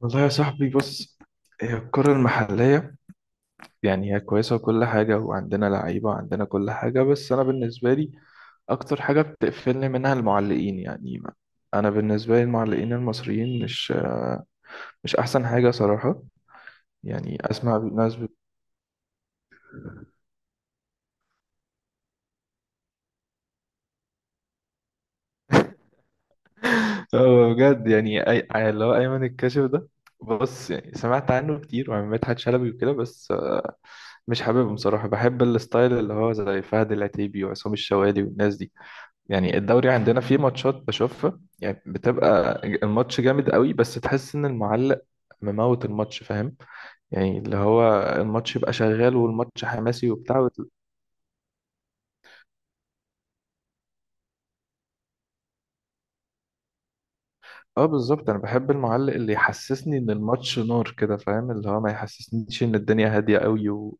والله يا صاحبي، بص. هي الكرة المحلية يعني هي كويسة وكل حاجة، وعندنا لعيبة وعندنا كل حاجة، بس أنا بالنسبة لي أكتر حاجة بتقفلني منها المعلقين. يعني أنا بالنسبة لي المعلقين المصريين مش أحسن حاجة صراحة. يعني أسمع ناس آه، بجد. يعني اللي هو أيمن الكاشف ده، بص، يعني سمعت عنه كتير وعن مدحت شلبي وكده، بس مش حاببهم صراحة. بحب الستايل اللي هو زي فهد العتيبي وعصام الشوالي والناس دي. يعني الدوري عندنا فيه ماتشات بشوفها، يعني بتبقى الماتش جامد قوي، بس تحس ان المعلق مموت الماتش، فاهم؟ يعني اللي هو الماتش يبقى شغال والماتش حماسي وبتاع اه، بالظبط، انا بحب المعلق اللي يحسسني ان الماتش نار كده، فاهم؟ اللي هو ما يحسسنيش ان الدنيا هادية قوي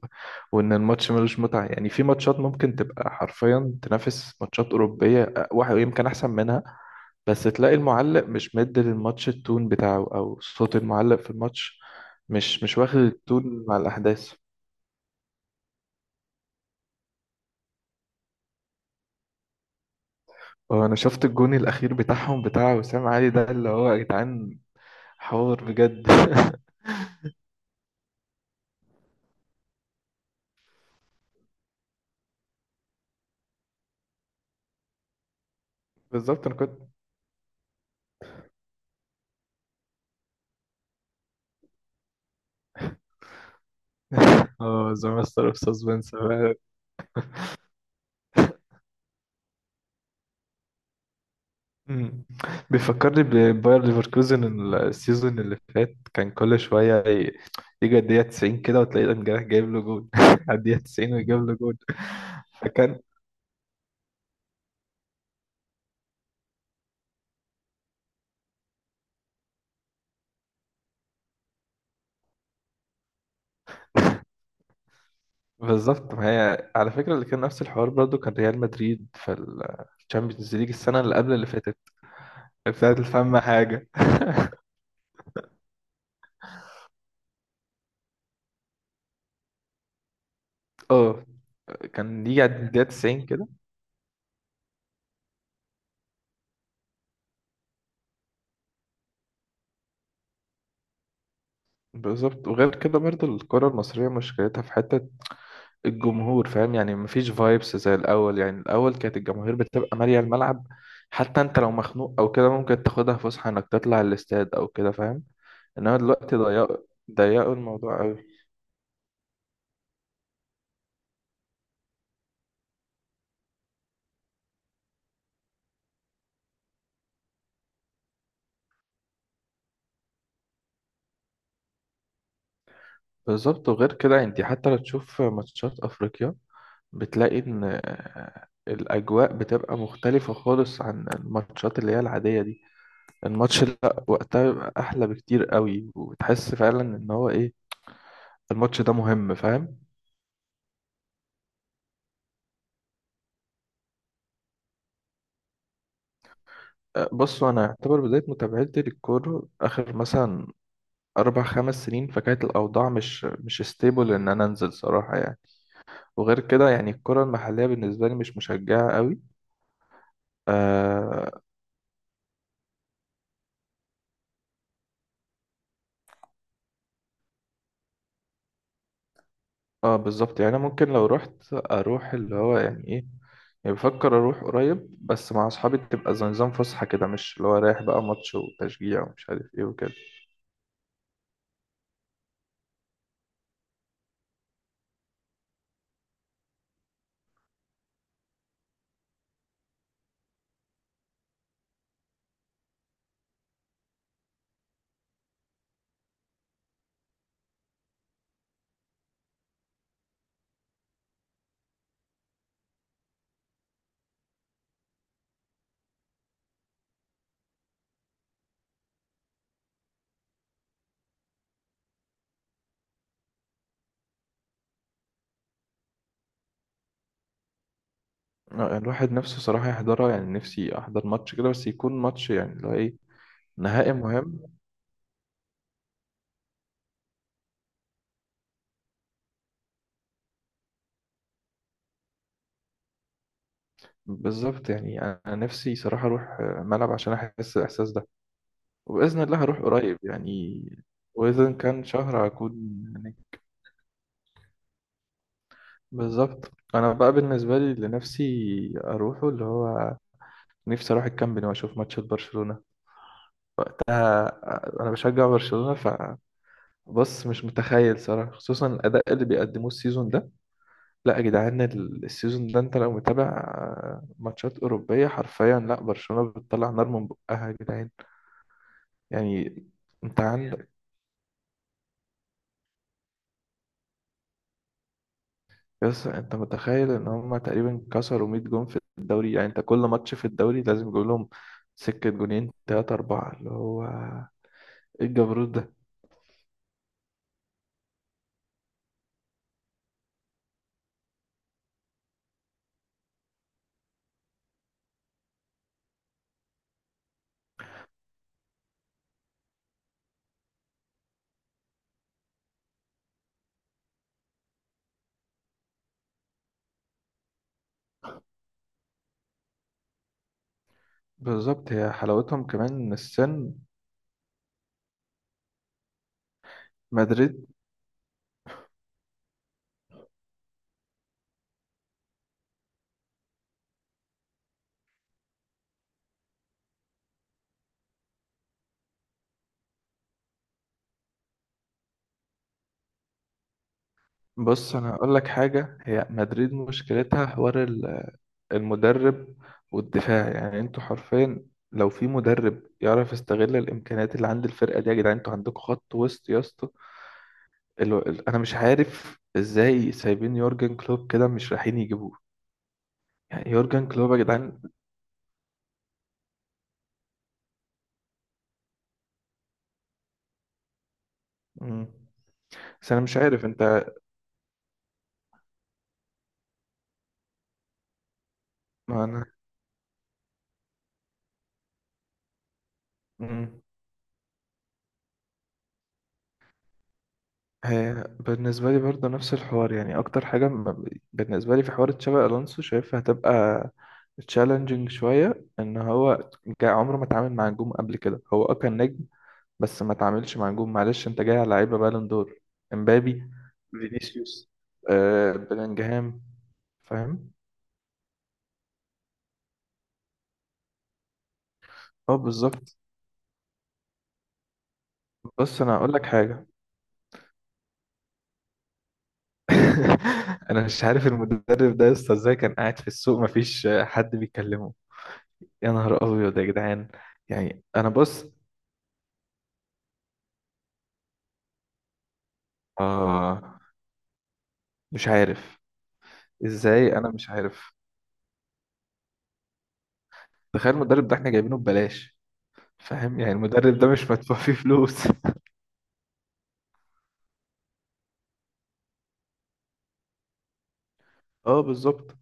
وان الماتش ملوش متعة. يعني في ماتشات ممكن تبقى حرفيا تنافس ماتشات أوروبية، واحد يمكن احسن منها، بس تلاقي المعلق مش مد للماتش التون بتاعه، او صوت المعلق في الماتش مش واخد التون مع الاحداث. هو انا شفت الجون الاخير بتاعهم، بتاع وسام علي ده، اللي هو يا جدعان، حوار بجد. بالظبط، انا كنت. اه، زي ماستر في سسبنس. مم. بيفكرني بباير ليفركوزن السيزون اللي فات، كان كل شوية يجي الدقيقة 90 كده وتلاقي الجناح جايب له جول على الدقيقة 90 ويجيب له جول. فكان بالظبط. ما هي على فكرة، اللي كان نفس الحوار برضو كان ريال مدريد في الشامبيونز ليج السنة اللي قبل اللي فاتت. ابتدت الفم حاجة. اه، كان يجي عند الدقيقة 90 كده. بالظبط، وغير كده برضو الكرة المصرية مشكلتها في حتة الجمهور، فاهم؟ يعني مفيش فايبس زي الأول، يعني الأول كانت الجماهير بتبقى مالية الملعب، حتى أنت لو مخنوق أو كده ممكن تاخدها فسحة إنك تطلع الاستاد أو كده، فاهم؟ انما دلوقتي ضيقوا، ضيقوا الموضوع قوي. بالظبط، وغير كده انت حتى لو تشوف ماتشات افريقيا، بتلاقي ان آه، الاجواء بتبقى مختلفة خالص عن الماتشات اللي هي العادية دي. الماتش لا، وقتها بيبقى احلى بكتير قوي، وبتحس فعلا ان هو ايه، الماتش ده مهم، فاهم؟ آه، بصوا، انا اعتبر بداية متابعتي للكورة اخر مثلا اربع خمس سنين، فكانت الاوضاع مش ستيبل ان انا انزل صراحة. يعني وغير كده، يعني الكرة المحلية بالنسبة لي مش مشجعة قوي. آه. اه بالظبط، يعني أنا ممكن لو رحت اروح اللي هو يعني ايه، يعني بفكر اروح قريب، بس مع اصحابي، تبقى زي نظام فسحه كده، مش اللي هو رايح بقى ماتش وتشجيع ومش عارف ايه وكده. آه، يعني الواحد نفسه صراحه يحضرها، يعني نفسي احضر ماتش كده، بس يكون ماتش يعني اللي هو ايه، نهائي مهم. بالظبط، يعني انا نفسي صراحه اروح آه، ملعب عشان احس الاحساس ده، وباذن الله هروح قريب يعني. واذا كان شهر هكون هناك. بالظبط، انا بقى بالنسبه لي اللي نفسي اروحه، اللي هو نفسي اروح الكامب نو واشوف ماتش برشلونة. وقتها آه، انا بشجع برشلونة. فبص، مش متخيل صراحة، خصوصا الاداء اللي بيقدموه السيزون ده. لا يا جدعان، السيزون ده انت لو متابع آه، ماتشات اوروبية حرفيا، لا برشلونة بتطلع نار من بقها يا جدعان. يعني انت عندك. يس، انت متخيل ان هم تقريبا كسروا 100 جون في الدوري؟ يعني انت كل ماتش في الدوري لازم يجيب لهم سكة جونين تلاتة أربعة، اللي هو إيه الجبروت ده؟ بالظبط، هي حلاوتهم كمان إن السن. مدريد، بص انا اقول لك حاجه، هي مدريد مشكلتها حوار المدرب والدفاع. يعني انتوا حرفيا لو في مدرب يعرف يستغل الامكانيات اللي عند الفرقه دي، يا جدعان انتوا عندكم خط وسط يا اسطى. انا مش عارف ازاي سايبين يورجن كلوب كده، مش رايحين يجيبوه. يعني يورجن كلوب يا جدعان. مم. بس انا مش عارف انت. ما انا. مم. هي بالنسبة لي برضه نفس الحوار، يعني أكتر حاجة بالنسبة لي في حوار تشابي ألونسو، شايفها هتبقى تشالنجينج شوية، إن هو جا عمره ما اتعامل مع نجوم قبل كده. هو أه كان نجم، بس ما اتعاملش مع نجوم. معلش، أنت جاي على لعيبة بالون دور، إمبابي، فينيسيوس، آه بلينجهام، فاهم؟ أه بالظبط. بص أنا هقول لك حاجة. أنا مش عارف المدرب ده لسه إزاي كان قاعد في السوق مفيش حد بيكلمه. يا نهار ابيض يا جدعان. يعني انا بص، آه مش عارف ازاي، انا مش عارف. تخيل المدرب ده احنا جايبينه ببلاش. فاهم؟ يعني المدرب ده مش مدفوع فيه فلوس. اه بالظبط.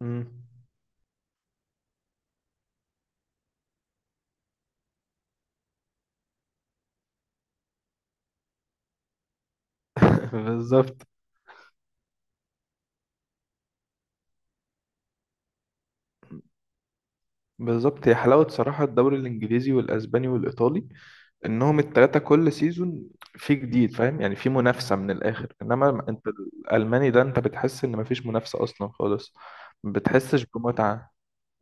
مم. بالظبط. بالظبط، هي حلاوة صراحة الدوري الإنجليزي والأسباني والإيطالي، انهم التلاتة كل سيزون في جديد، فاهم؟ يعني في منافسة من الاخر، انما انت الالماني ده انت بتحس ان مفيش منافسة اصلا خالص. ما بتحسش بمتعة.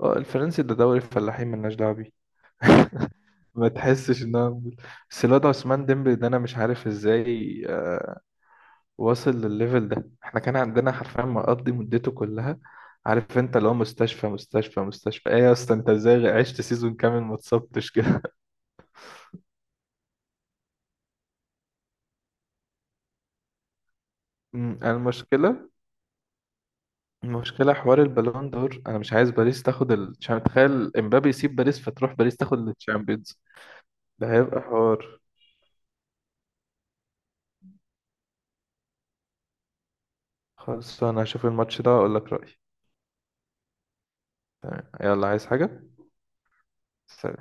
اه، الفرنسي ده دوري الفلاحين، ملناش دعوة بيه. ما تحسش ان هو، بس الواد عثمان ديمبلي ده انا مش عارف ازاي آه، واصل للليفل ده. احنا كان عندنا حرفيا مقضي مدته كلها. عارف انت اللي هو مستشفى مستشفى مستشفى. ايه يا اسطى، انت ازاي عشت سيزون كامل ما اتصبتش كده؟ المشكلة، المشكلة حوار البالون دور. أنا مش عايز باريس تاخد تخيل إمبابي يسيب باريس فتروح باريس تاخد التشامبيونز. ده هيبقى حوار. خلاص، أنا هشوف الماتش ده وأقول لك رأيي. تمام، يلا عايز حاجة؟ سلام.